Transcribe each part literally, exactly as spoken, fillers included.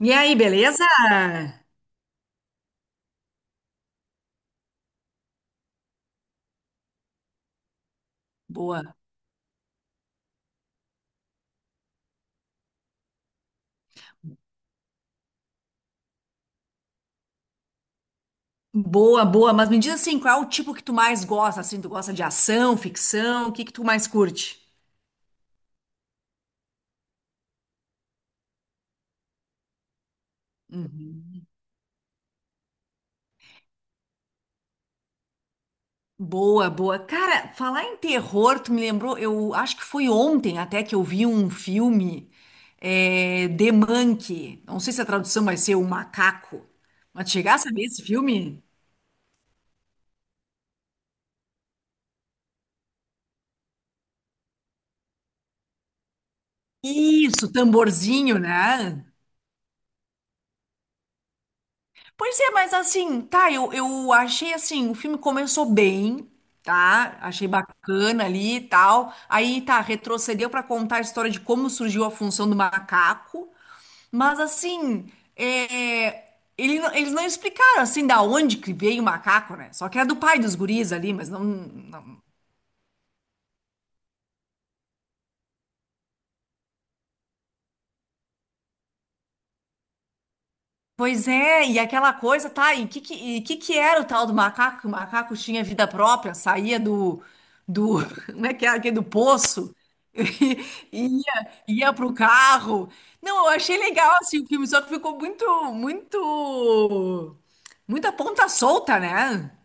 E aí, beleza? Boa. Boa, boa. Mas me diz assim, qual é o tipo que tu mais gosta? Assim, tu gosta de ação, ficção? O que que tu mais curte? Uhum. Boa, boa. Cara, falar em terror, tu me lembrou, eu acho que foi ontem até que eu vi um filme, é, The Monkey. Não sei se a tradução vai ser O Macaco. Mas tu chegasse a ver esse filme? Isso, tamborzinho, né? Pois é, mas assim, tá, eu, eu achei assim, o filme começou bem, tá? Achei bacana ali e tal. Aí, tá, retrocedeu pra contar a história de como surgiu a função do macaco. Mas assim, é, ele não- eles não explicaram assim da onde que veio o macaco, né? Só que era do pai dos guris ali, mas não, não- Pois é, e aquela coisa, tá, e que que, e que que era o tal do macaco? Que o macaco tinha vida própria, saía do, do, como é que era, aquele do poço, e ia, ia pro carro. Não, eu achei legal, assim, o filme, só que ficou muito, muito, muita ponta solta, né?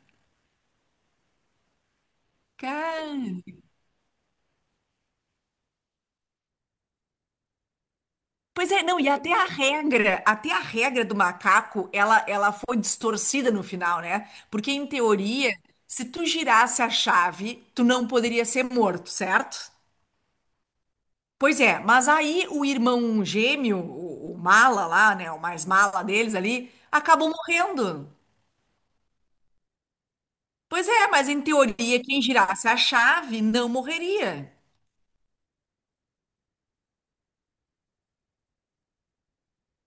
Cara. Pois é, não, e até a regra, até a regra do macaco, ela, ela foi distorcida no final, né? Porque em teoria, se tu girasse a chave, tu não poderia ser morto, certo? Pois é, mas aí o irmão gêmeo, o, o mala lá, né, o mais mala deles ali, acabou morrendo. Pois é, mas em teoria, quem girasse a chave não morreria.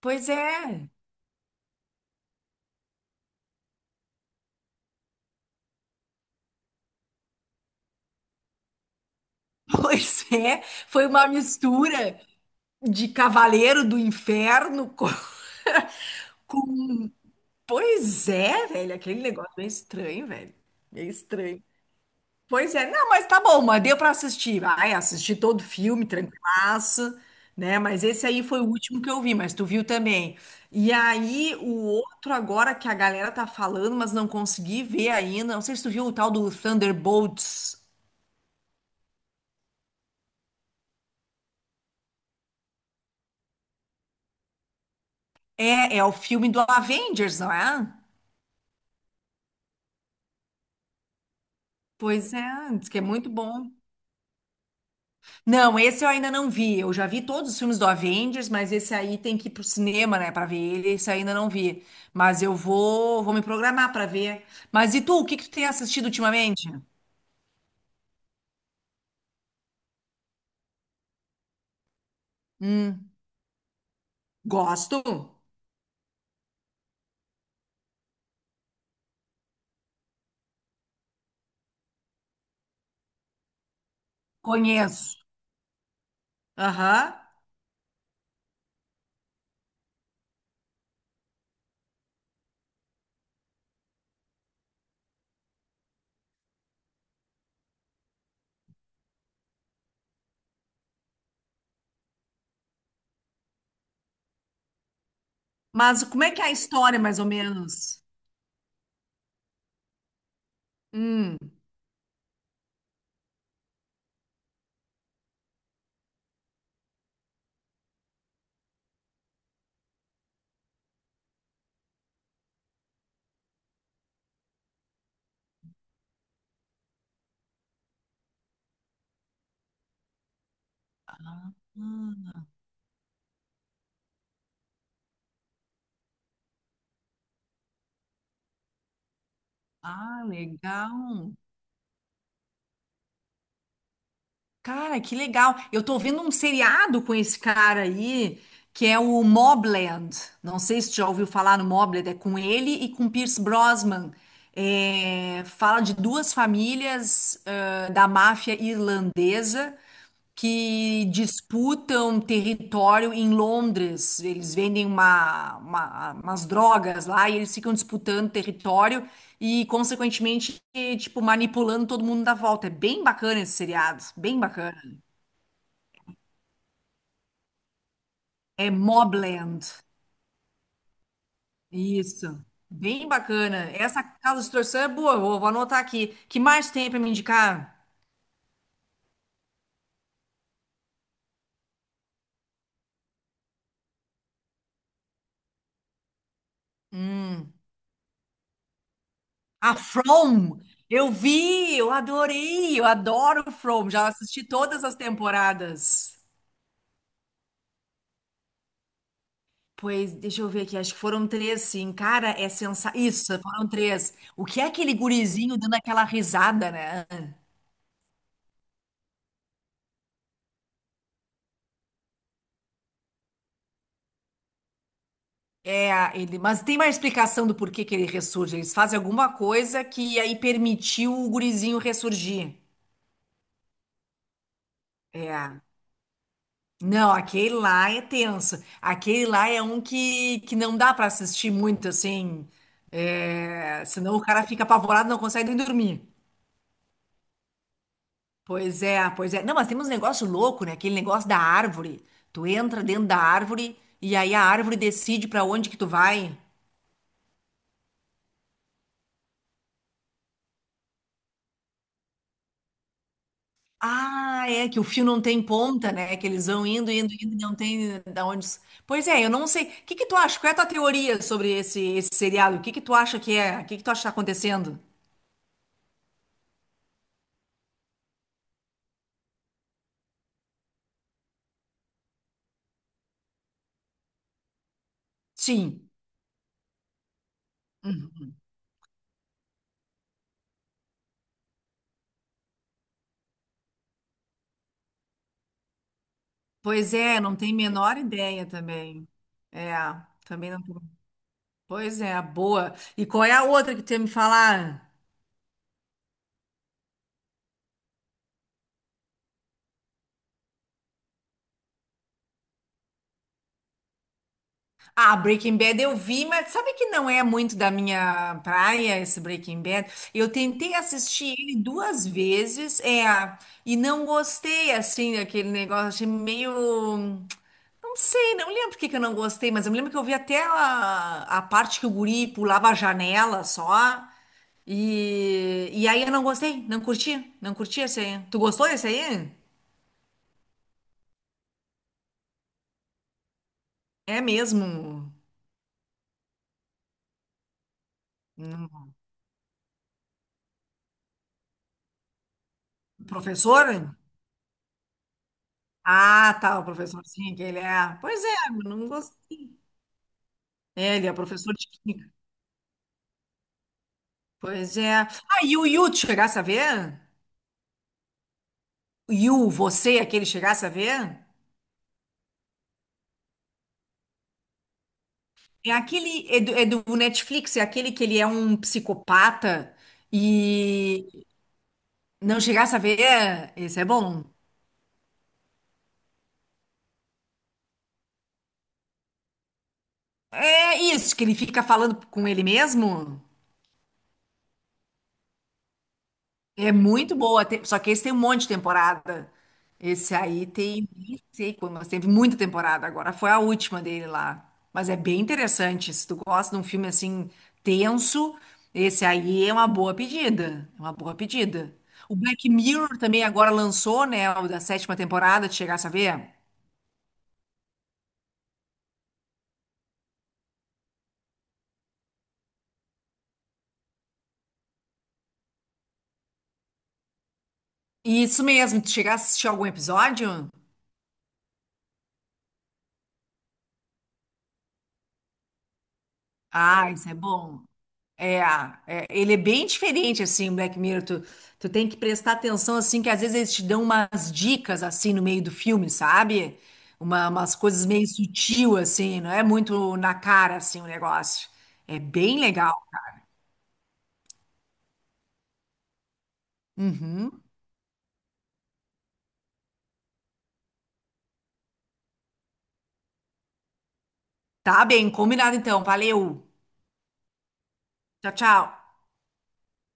Pois é. Pois é, foi uma mistura de Cavaleiro do Inferno com, com- Pois é, velho, aquele negócio meio estranho, velho. Meio estranho. Pois é, não, mas tá bom, mas deu pra assistir. Vai, assisti todo o filme, tranquilaço, né? Mas esse aí foi o último que eu vi, mas tu viu também. E aí, o outro agora que a galera tá falando, mas não consegui ver ainda. Não sei se tu viu o tal do Thunderbolts. É, é o filme do Avengers, não é? Pois é, diz que é muito bom. Não, esse eu ainda não vi. Eu já vi todos os filmes do Avengers, mas esse aí tem que ir pro cinema, né, pra ver ele. Esse eu ainda não vi. Mas eu vou, vou me programar pra ver. Mas e tu, o que que tu tem assistido ultimamente? Hum, gosto. Conheço. Aham. Mas como é que é a história, mais ou menos? Hum. Ah, ah, legal. Cara, que legal. Eu tô vendo um seriado com esse cara aí, que é o Mobland. Não sei se tu já ouviu falar no Mobland, é com ele e com Pierce Brosnan. É, fala de duas famílias, ãh, da máfia irlandesa que disputam território em Londres. Eles vendem uma, uma- umas drogas lá e eles ficam disputando território e, consequentemente, e, tipo, manipulando todo mundo da volta. É bem bacana esse seriado, bem bacana. É Mobland. Isso. Bem bacana. Essa Casa de Torção é boa, vou, vou anotar aqui. Que mais tem para me indicar? A From. Eu vi, eu adorei, eu adoro From. Já assisti todas as temporadas. Pois, deixa eu ver aqui, acho que foram três, sim. Cara, é sensa... isso, foram três. O que é aquele gurizinho dando aquela risada, né? É, ele... Mas tem mais explicação do porquê que ele ressurge. Eles fazem alguma coisa que aí permitiu o gurizinho ressurgir. É. Não, aquele lá é tenso. Aquele lá é um que, que não dá pra assistir muito, assim. É, senão o cara fica apavorado, não consegue nem dormir. Pois é, pois é. Não, mas temos um negócio louco, né? Aquele negócio da árvore. Tu entra dentro da árvore e aí a árvore decide pra onde que tu vai. Ah, é que o fio não tem ponta, né? Que eles vão indo, indo, indo, e não tem eh, da onde. Pois é, eu não sei. O que que tu acha? Qual é a tua teoria sobre esse, esse seriado? O que que tu acha que é? O que que tu acha que tá acontecendo? Sim. Uhum. Pois é, não tem a menor ideia também. É, também não. Pois é, boa. E qual é a outra que tu ia me falar? Ah, Breaking Bad eu vi, mas sabe que não é muito da minha praia esse Breaking Bad? Eu tentei assistir ele duas vezes, é, e não gostei assim daquele negócio, achei meio. Não sei, não lembro por que que eu não gostei, mas eu me lembro que eu vi até a, a parte que o guri pulava a janela só. E, e aí eu não gostei, não curti, não curti esse aí. Tu gostou desse aí? É mesmo? Hum, Professor? Ah, tá, o professorzinho que ele é. Pois é, eu não gostei. É, ele é professor de química. Pois é. Ah, e o Yu, tu chegasse a ver? O Yu, você, aquele chegasse a ver? É aquele, é do, é do Netflix, é aquele que ele é um psicopata e não chegasse a ver? Esse é bom. É isso, que ele fica falando com ele mesmo? É muito boa, tem- só que esse tem um monte de temporada. Esse aí tem, nem sei quando, mas teve muita temporada agora. Foi a última dele lá. Mas é bem interessante. Se tu gosta de um filme assim tenso, esse aí é uma boa pedida. É uma boa pedida. O Black Mirror também agora lançou, né? O da sétima temporada, tu chegasse a ver? Isso mesmo, tu chegasse a assistir algum episódio? Ah, isso é bom. É, é, ele é bem diferente, assim, o Black Mirror. Tu, tu tem que prestar atenção, assim, que às vezes eles te dão umas dicas, assim, no meio do filme, sabe? Uma- umas coisas meio sutil, assim, não é muito na cara, assim, o negócio. É bem legal. Uhum. Tá bem, combinado então. Valeu. Tchau, tchau.